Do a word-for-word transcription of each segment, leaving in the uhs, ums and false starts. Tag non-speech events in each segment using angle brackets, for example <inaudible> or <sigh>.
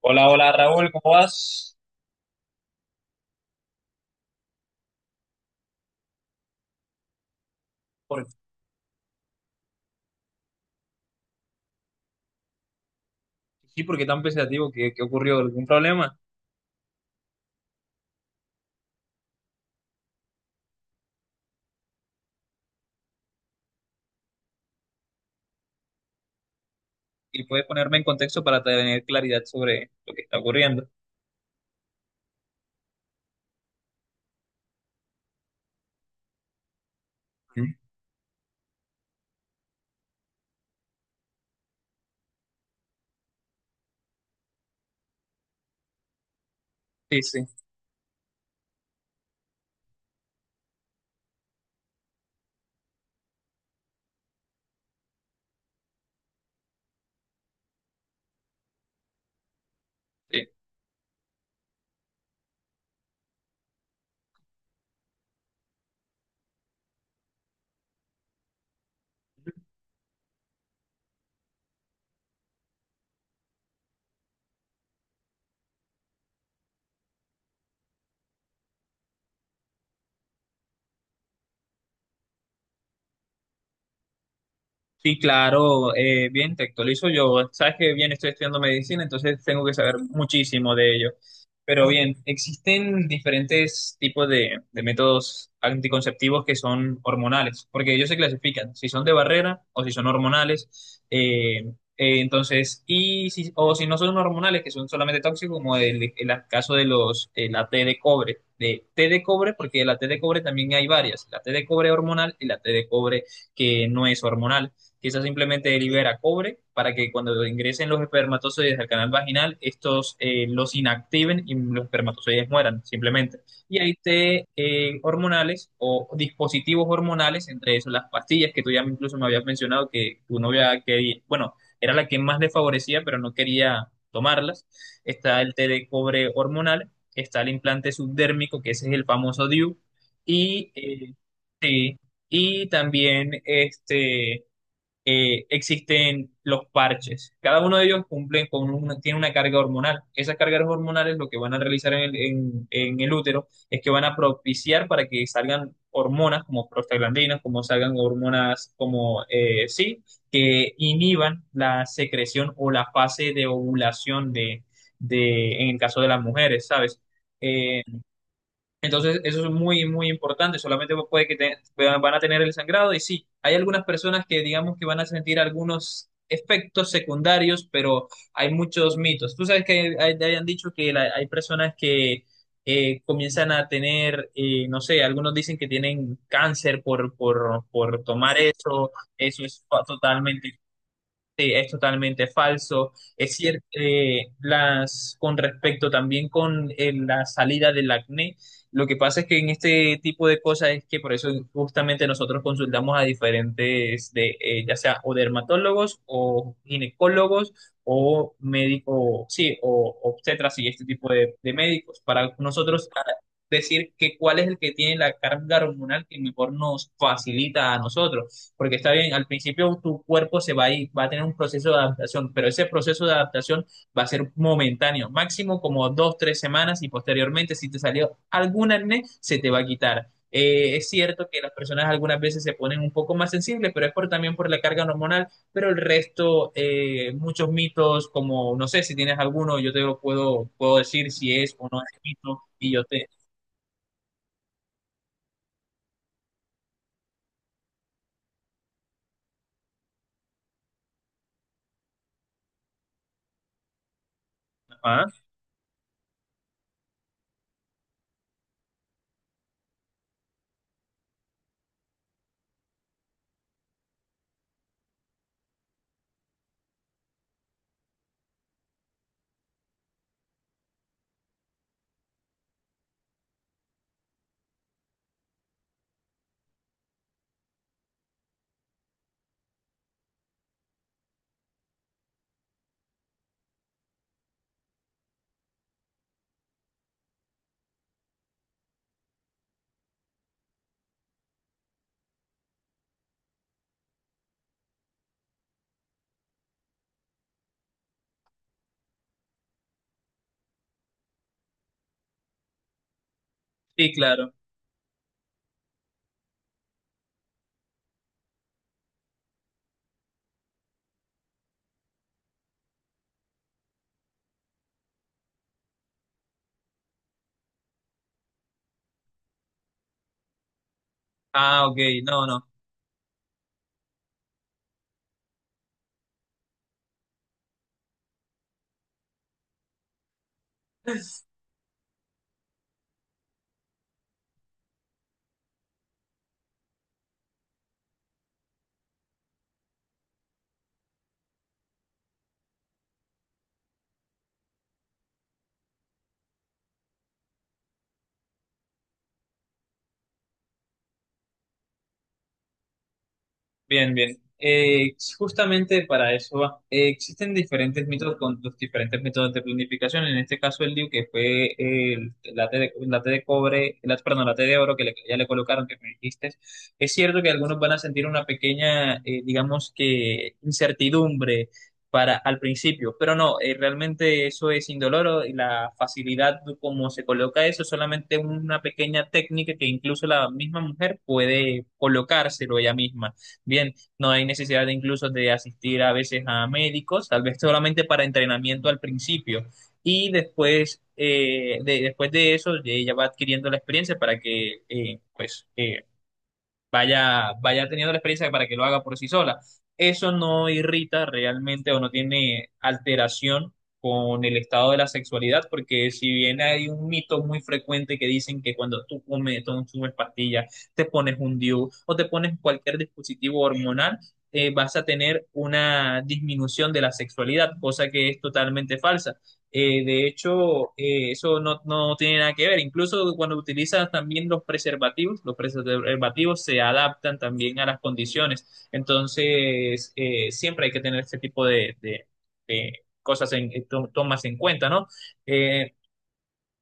Hola, hola Raúl, ¿cómo vas? Por- sí, ¿por qué tan pensativo? ¿Qué, qué ocurrió? ¿Algún problema? Y puedes ponerme en contexto para tener claridad sobre lo que está ocurriendo. ¿Mm? Sí, sí, sí. Sí, claro, eh, bien, te actualizo yo. Sabes que bien estoy estudiando medicina, entonces tengo que saber muchísimo de ello. Pero bien, existen diferentes tipos de, de métodos anticonceptivos que son hormonales, porque ellos se clasifican si son de barrera o si son hormonales. Eh, eh, entonces, y si, o si no son hormonales, que son solamente tóxicos, como el, el caso de los, eh, la T de cobre, de T de cobre, porque la T de cobre también hay varias, la T de cobre hormonal y la T de cobre que no es hormonal. Quizás simplemente libera cobre para que cuando ingresen los espermatozoides al canal vaginal, estos eh, los inactiven y los espermatozoides mueran, simplemente. Y hay té eh, hormonales o dispositivos hormonales, entre eso las pastillas que tú ya incluso me habías mencionado que tu novia quería, bueno, era la que más le favorecía, pero no quería tomarlas. Está el té de cobre hormonal, está el implante subdérmico, que ese es el famoso D I U, y, eh, sí, y también este, eh, existen los parches. Cada uno de ellos cumple con una, tiene una carga hormonal. Esas cargas hormonales lo que van a realizar en el, en- en el útero es que van a propiciar para que salgan hormonas como prostaglandinas, como salgan hormonas como eh, sí, que inhiban la secreción o la fase de ovulación de, de, en el caso de las mujeres, ¿sabes? Eh, entonces, eso es muy, muy importante. Solamente puede que te- van a tener el sangrado. Y sí, hay algunas personas que digamos que van a sentir algunos efectos secundarios, pero hay muchos mitos. Tú sabes que hay, hay- te hayan dicho que la- hay personas que eh, comienzan a tener, eh, no sé, algunos dicen que tienen cáncer por, por, por tomar eso. Eso es fa- totalmente Sí, es totalmente falso. Es cierto, las, con respecto también con eh, la salida del acné, lo que pasa es que en este tipo de cosas es que por eso justamente nosotros consultamos a diferentes, de, eh, ya sea o dermatólogos o ginecólogos o médico, sí, o obstetras y este tipo de, de médicos, para nosotros a- decir que cuál es el que tiene la carga hormonal que mejor nos facilita a nosotros. Porque está bien, al principio tu cuerpo se va a ir, va a tener un proceso de adaptación, pero ese proceso de adaptación va a ser momentáneo, máximo como dos, tres semanas y posteriormente si te salió algún acné, se te va a quitar. Eh, es cierto que las personas algunas veces se ponen un poco más sensibles, pero es por, también por la carga hormonal, pero el resto, eh, muchos mitos como, no sé si tienes alguno, yo te lo puedo, puedo decir si es o no es mito y yo te... Ah, sí, claro. Ah, ok, no, no. <laughs> Bien, bien. Eh, justamente para eso va. Eh, existen diferentes métodos con los diferentes métodos de planificación. En este caso, el D I U, que fue eh, el- la T de, la T de cobre, la, perdón, la T de oro que le- ya le colocaron, que me dijiste. Es cierto que algunos van a sentir una pequeña, eh, digamos que, incertidumbre para, al principio, pero no, eh, realmente eso es indoloro y la facilidad como se coloca eso es solamente una pequeña técnica que incluso la misma mujer puede colocárselo ella misma. Bien, no hay necesidad de incluso de asistir a veces a médicos, tal vez solamente para entrenamiento al principio. Y después, eh, de, después de eso, ella va adquiriendo la experiencia para que eh, pues, eh, vaya, vaya teniendo la experiencia para que lo haga por sí sola. Eso no irrita realmente o no tiene alteración con el estado de la sexualidad, porque si bien hay un mito muy frecuente que dicen que cuando tú comes, tú consumes pastillas, te pones un D I U o te pones cualquier dispositivo hormonal, eh, vas a tener una disminución de la sexualidad, cosa que es totalmente falsa. Eh, de hecho, eh, eso no, no tiene nada que ver. Incluso cuando utilizas también los preservativos, los preservativos se adaptan también a las condiciones. Entonces, eh, siempre hay que tener este tipo de, de- de cosas en, eh, to- tomas en cuenta, ¿no? Eh,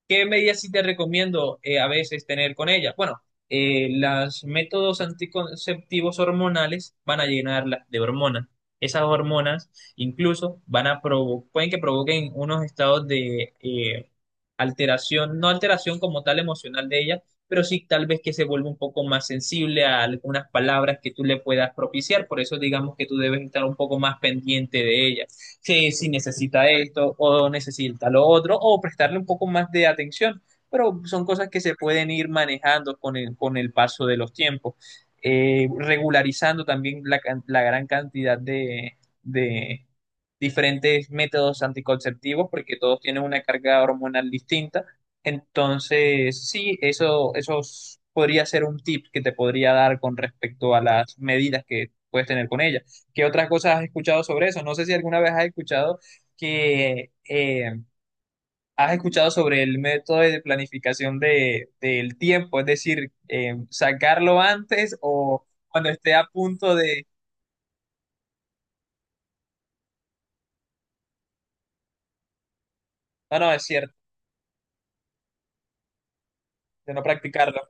¿Qué medidas sí te recomiendo eh, a veces tener con ella? Bueno, eh, los métodos anticonceptivos hormonales van a llenarla de hormonas. Esas hormonas incluso van a provo- pueden que provoquen unos estados de eh, alteración, no alteración como tal emocional de ella, pero sí tal vez que se vuelva un poco más sensible a algunas palabras que tú le puedas propiciar. Por eso digamos que tú debes estar un poco más pendiente de ella si, si necesita esto o necesita lo otro, o prestarle un poco más de atención. Pero son cosas que se pueden ir manejando con el, con el paso de los tiempos. Eh, regularizando también la, can- la gran cantidad de, de diferentes métodos anticonceptivos, porque todos tienen una carga hormonal distinta. Entonces, sí, eso, eso s- podría ser un tip que te podría dar con respecto a las medidas que puedes tener con ella. ¿Qué otras cosas has escuchado sobre eso? No sé si alguna vez has escuchado que eh, has escuchado sobre el método de planificación de, del tiempo, es decir, eh, sacarlo antes o cuando esté a punto de... No, no, es cierto, de no practicarlo.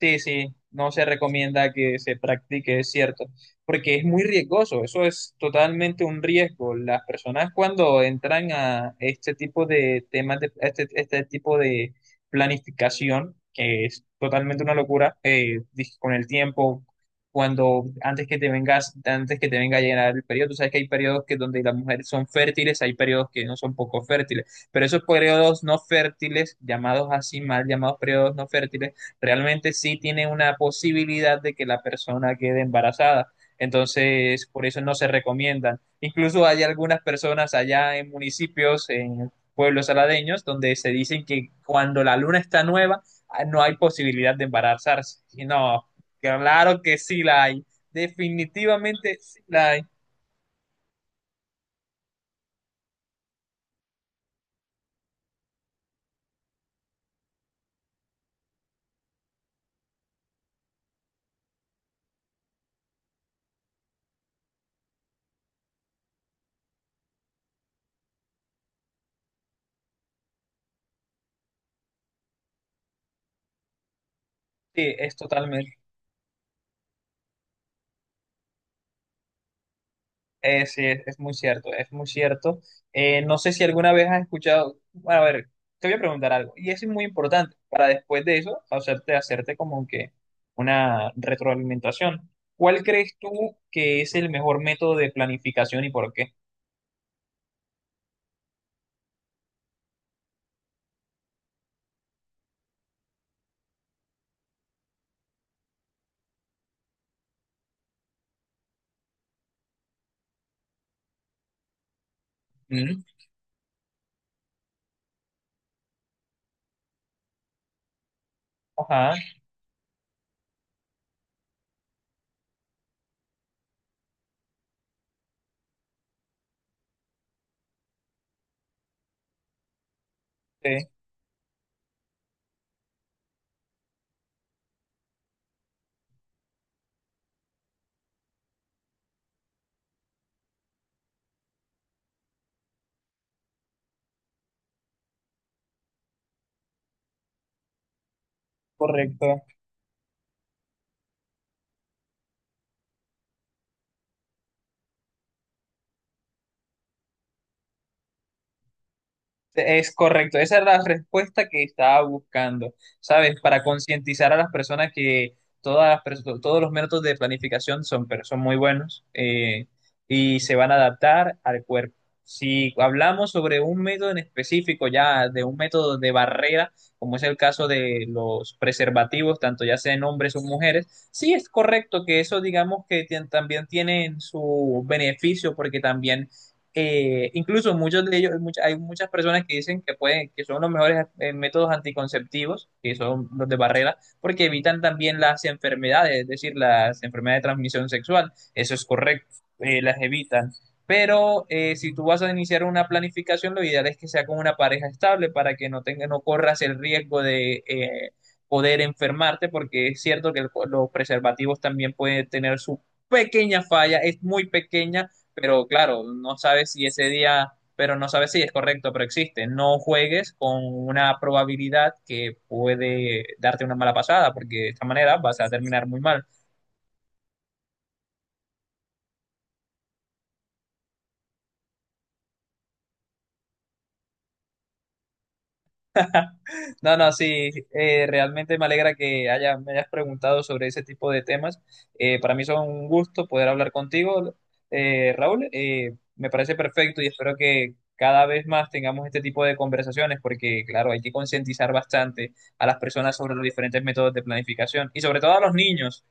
Sí, sí, no se recomienda que se practique, es cierto, porque es muy riesgoso, eso es totalmente un riesgo. Las personas cuando entran a este tipo de temas, de, a este, este tipo de planificación, que es totalmente una locura, eh, dis- con el tiempo, cuando antes que te vengas, antes que te venga a llegar el periodo, tú sabes que hay periodos que donde las mujeres son fértiles, hay periodos que no son poco fértiles, pero esos periodos no fértiles, llamados así, mal llamados periodos no fértiles, realmente sí tiene una posibilidad de que la persona quede embarazada. Entonces, por eso no se recomiendan. Incluso hay algunas personas allá en municipios, en pueblos aladeños, donde se dicen que cuando la luna está nueva, ah, no hay posibilidad de embarazarse. Y no, claro que sí la hay. Definitivamente sí la hay. Sí, es totalmente Eh, sí, es, es muy cierto, es muy cierto. Eh, no sé si alguna vez has escuchado, bueno, a ver, te voy a preguntar algo, y eso es muy importante para después de eso hacerte, hacerte como que una retroalimentación. ¿Cuál crees tú que es el mejor método de planificación y por qué? Mm. Ajá, sí, correcto. Es correcto, esa era la respuesta que estaba buscando, ¿sabes? Para concientizar a las personas que todas las perso- todos los métodos de planificación son, pero son muy buenos eh, y se van a adaptar al cuerpo. Si hablamos sobre un método en específico, ya de un método de barrera, como es el caso de los preservativos, tanto ya sean hombres o mujeres, sí es correcto que eso digamos que tien- también tienen su beneficio porque también eh, incluso muchos de ellos, mucha- hay muchas personas que dicen que pueden, que son los mejores eh, métodos anticonceptivos, que son los de barrera, porque evitan también las enfermedades, es decir, las enfermedades de transmisión sexual. Eso es correcto, eh, las evitan. Pero eh, si tú vas a iniciar una planificación, lo ideal es que sea con una pareja estable para que no tenga, no corras el riesgo de eh, poder enfermarte, porque es cierto que el- los preservativos también pueden tener su pequeña falla, es muy pequeña pero claro, no sabes si ese día, pero no sabes si es correcto, pero existe. No juegues con una probabilidad que puede darte una mala pasada, porque de esta manera vas a terminar muy mal. No, no, sí, eh, realmente me alegra que haya, me hayas preguntado sobre ese tipo de temas. Eh, para mí son un gusto poder hablar contigo, eh, Raúl. Eh, me parece perfecto y espero que cada vez más tengamos este tipo de conversaciones porque, claro, hay que concientizar bastante a las personas sobre los diferentes métodos de planificación y sobre todo a los niños.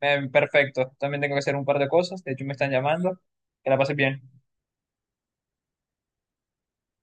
Eh, perfecto, también tengo que hacer un par de cosas, de hecho me están llamando. Que la pases bien.